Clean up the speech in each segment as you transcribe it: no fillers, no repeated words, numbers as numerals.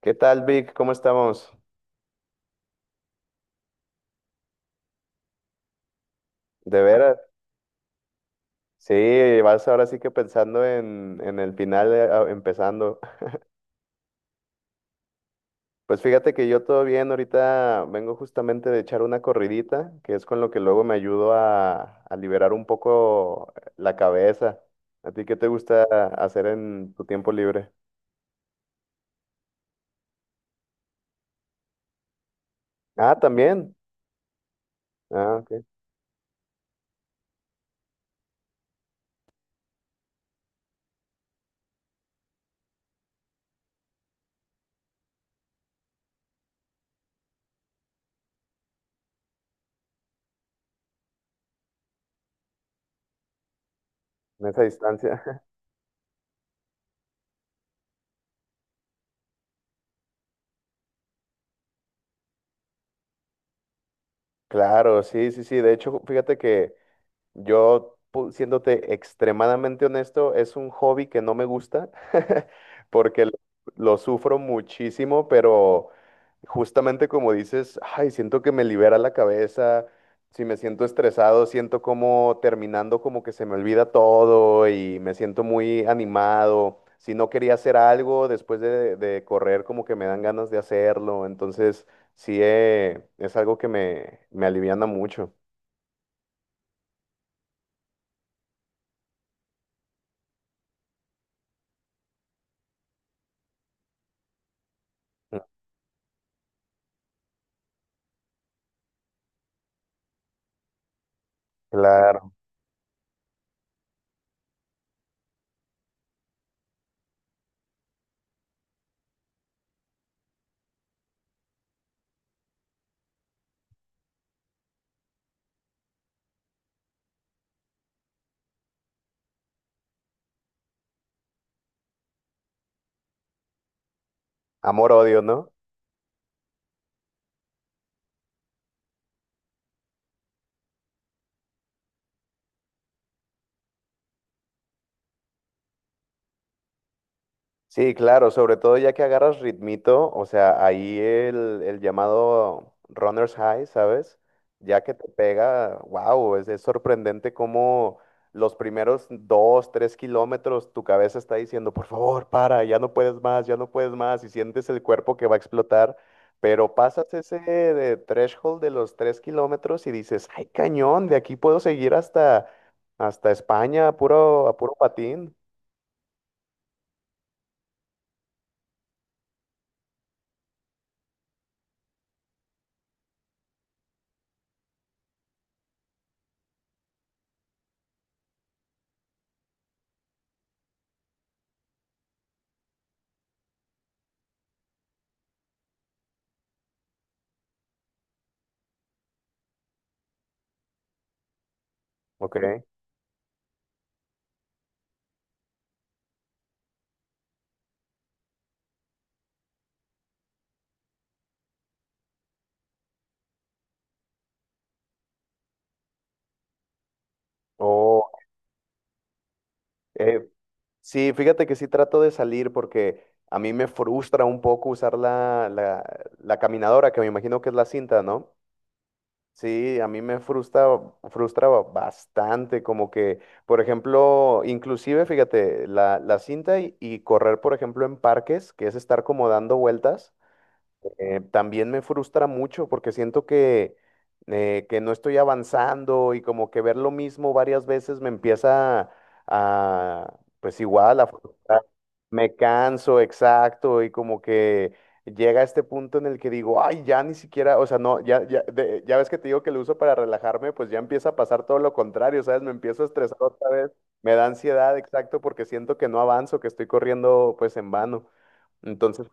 ¿Qué tal, Vic? ¿Cómo estamos? ¿De veras? Sí, vas ahora sí que pensando en el final, empezando. Pues fíjate que yo todo bien, ahorita vengo justamente de echar una corridita, que es con lo que luego me ayudo a liberar un poco la cabeza. ¿A ti qué te gusta hacer en tu tiempo libre? Ah, también. Ah, ok. En esa distancia. Claro, sí, sí, sí. De hecho, fíjate que yo, siéndote extremadamente honesto, es un hobby que no me gusta, porque lo sufro muchísimo, pero justamente como dices, ay, siento que me libera la cabeza, si me siento estresado, siento como terminando como que se me olvida todo y me siento muy animado. Si no quería hacer algo después de correr, como que me dan ganas de hacerlo. Entonces, sí, es algo que me aliviana mucho. Mm. Claro. Amor-odio, ¿no? Sí, claro, sobre todo ya que agarras ritmito, o sea, ahí el llamado runner's high, ¿sabes? Ya que te pega, wow, es sorprendente cómo los primeros dos, tres kilómetros tu cabeza está diciendo, por favor, para, ya no puedes más, ya no puedes más, y sientes el cuerpo que va a explotar, pero pasas ese threshold de los tres kilómetros y dices, ay, cañón, de aquí puedo seguir hasta, hasta España, a puro patín, ¿ok? Oh, eh, sí, fíjate que sí trato de salir porque a mí me frustra un poco usar la caminadora, que me imagino que es la cinta, ¿no? Sí, a mí me frustra, frustra bastante, como que, por ejemplo, inclusive, fíjate, la cinta y correr, por ejemplo, en parques, que es estar como dando vueltas. También me frustra mucho porque siento que no estoy avanzando y como que ver lo mismo varias veces me empieza a, pues igual, a frustrar. Me canso, exacto, y como que llega este punto en el que digo, ay, ya ni siquiera, o sea, no, ya, ya, ya ves que te digo que lo uso para relajarme, pues ya empieza a pasar todo lo contrario, ¿sabes? Me empiezo a estresar otra vez, me da ansiedad, exacto, porque siento que no avanzo, que estoy corriendo pues en vano. Entonces,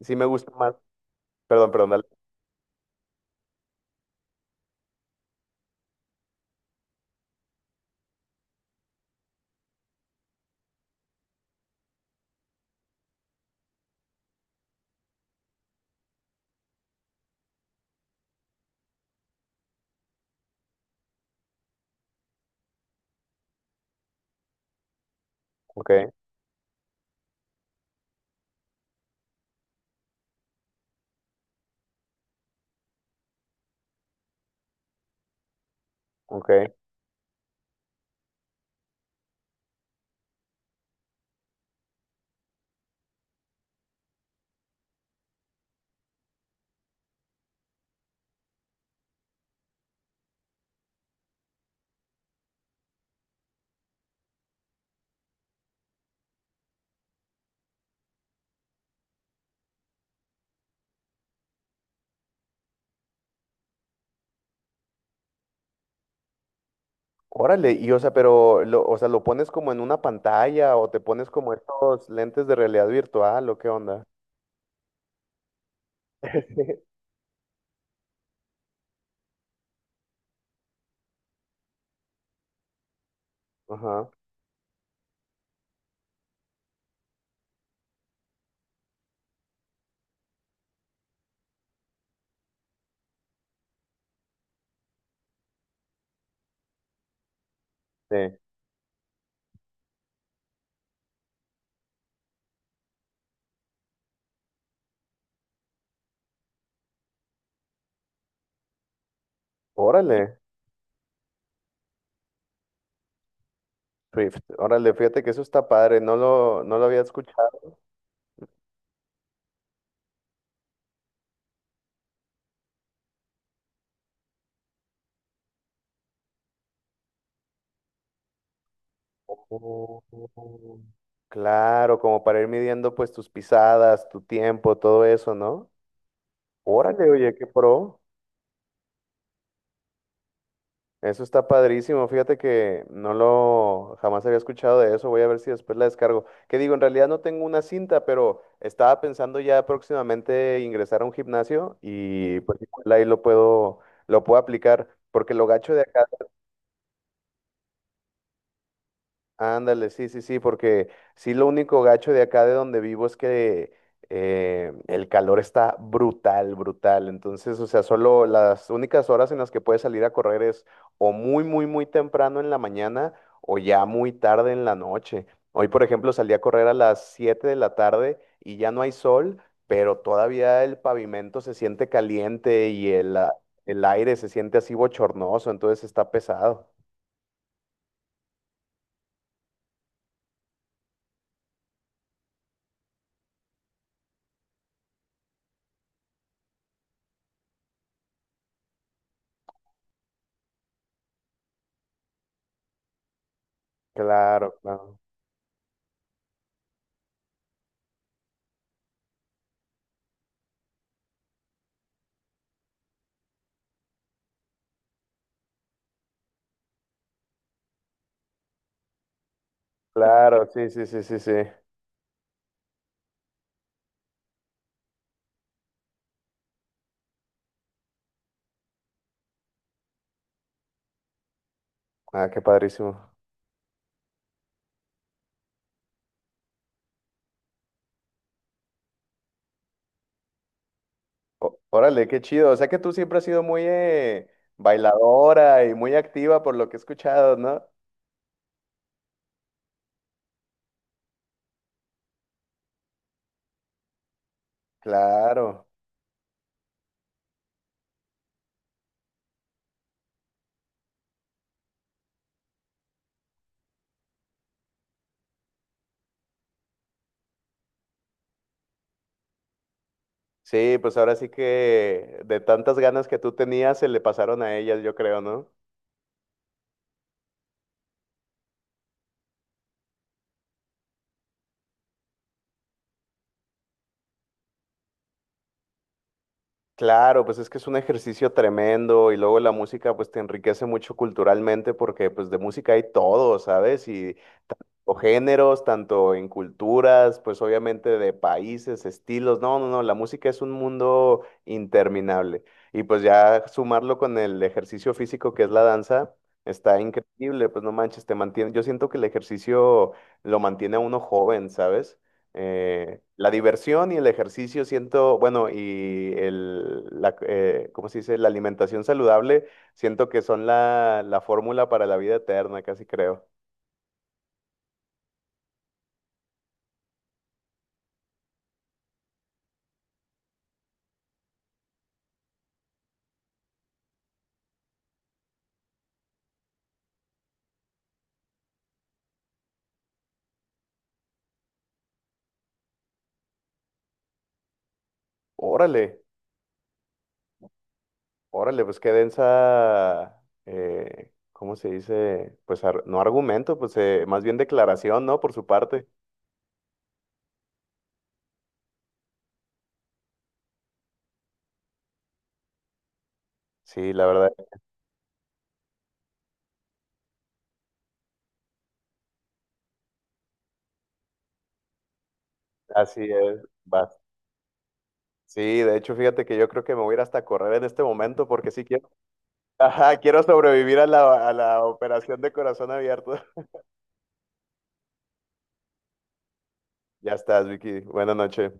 sí me gusta más. Perdón, perdón, dale. Ok, ok. Órale, y o sea, pero lo, o sea, ¿lo pones como en una pantalla o te pones como estos lentes de realidad virtual o qué onda? Ajá. Sí. Órale, Swift. Órale, fíjate que eso está padre, no lo, no lo había escuchado. Oh, claro, como para ir midiendo pues tus pisadas, tu tiempo, todo eso, ¿no? Órale, oye, qué pro. Eso está padrísimo. Fíjate que no lo jamás había escuchado de eso. Voy a ver si después la descargo. Que digo, en realidad no tengo una cinta, pero estaba pensando ya próximamente ingresar a un gimnasio y pues igual ahí lo puedo aplicar porque lo gacho de acá. Ándale, sí, sí, sí, porque sí, lo único gacho de acá de donde vivo es que el calor está brutal, brutal. Entonces, o sea, solo las únicas horas en las que puedes salir a correr es o muy, muy, muy temprano en la mañana o ya muy tarde en la noche. Hoy, por ejemplo, salí a correr a las 7 de la tarde y ya no hay sol, pero todavía el pavimento se siente caliente y el aire se siente así bochornoso, entonces está pesado. Claro, claro. Claro, sí, sí, sí, sí, sí. Ah, qué padrísimo. O- órale, qué chido. O sea que tú siempre has sido muy bailadora y muy activa por lo que he escuchado, ¿no? Claro. Sí, pues ahora sí que de tantas ganas que tú tenías se le pasaron a ellas, yo creo, ¿no? Claro, pues es que es un ejercicio tremendo y luego la música pues te enriquece mucho culturalmente porque pues de música hay todo, ¿sabes? Y o géneros, tanto en culturas, pues obviamente de países, estilos. No, no, no, la música es un mundo interminable. Y pues ya sumarlo con el ejercicio físico que es la danza, está increíble, pues no manches, te mantiene. Yo siento que el ejercicio lo mantiene a uno joven, ¿sabes? La diversión y el ejercicio siento, bueno, y ¿cómo se dice? La alimentación saludable, siento que son la, la fórmula para la vida eterna, casi creo. Órale. Órale, pues qué densa, ¿cómo se dice? Pues no argumento, pues más bien declaración, ¿no? Por su parte. Sí, la verdad, así es. Sí, de hecho, fíjate que yo creo que me voy a ir hasta a correr en este momento porque sí quiero. Ajá, quiero sobrevivir a a la operación de corazón abierto. Ya estás, Vicky. Buenas noches.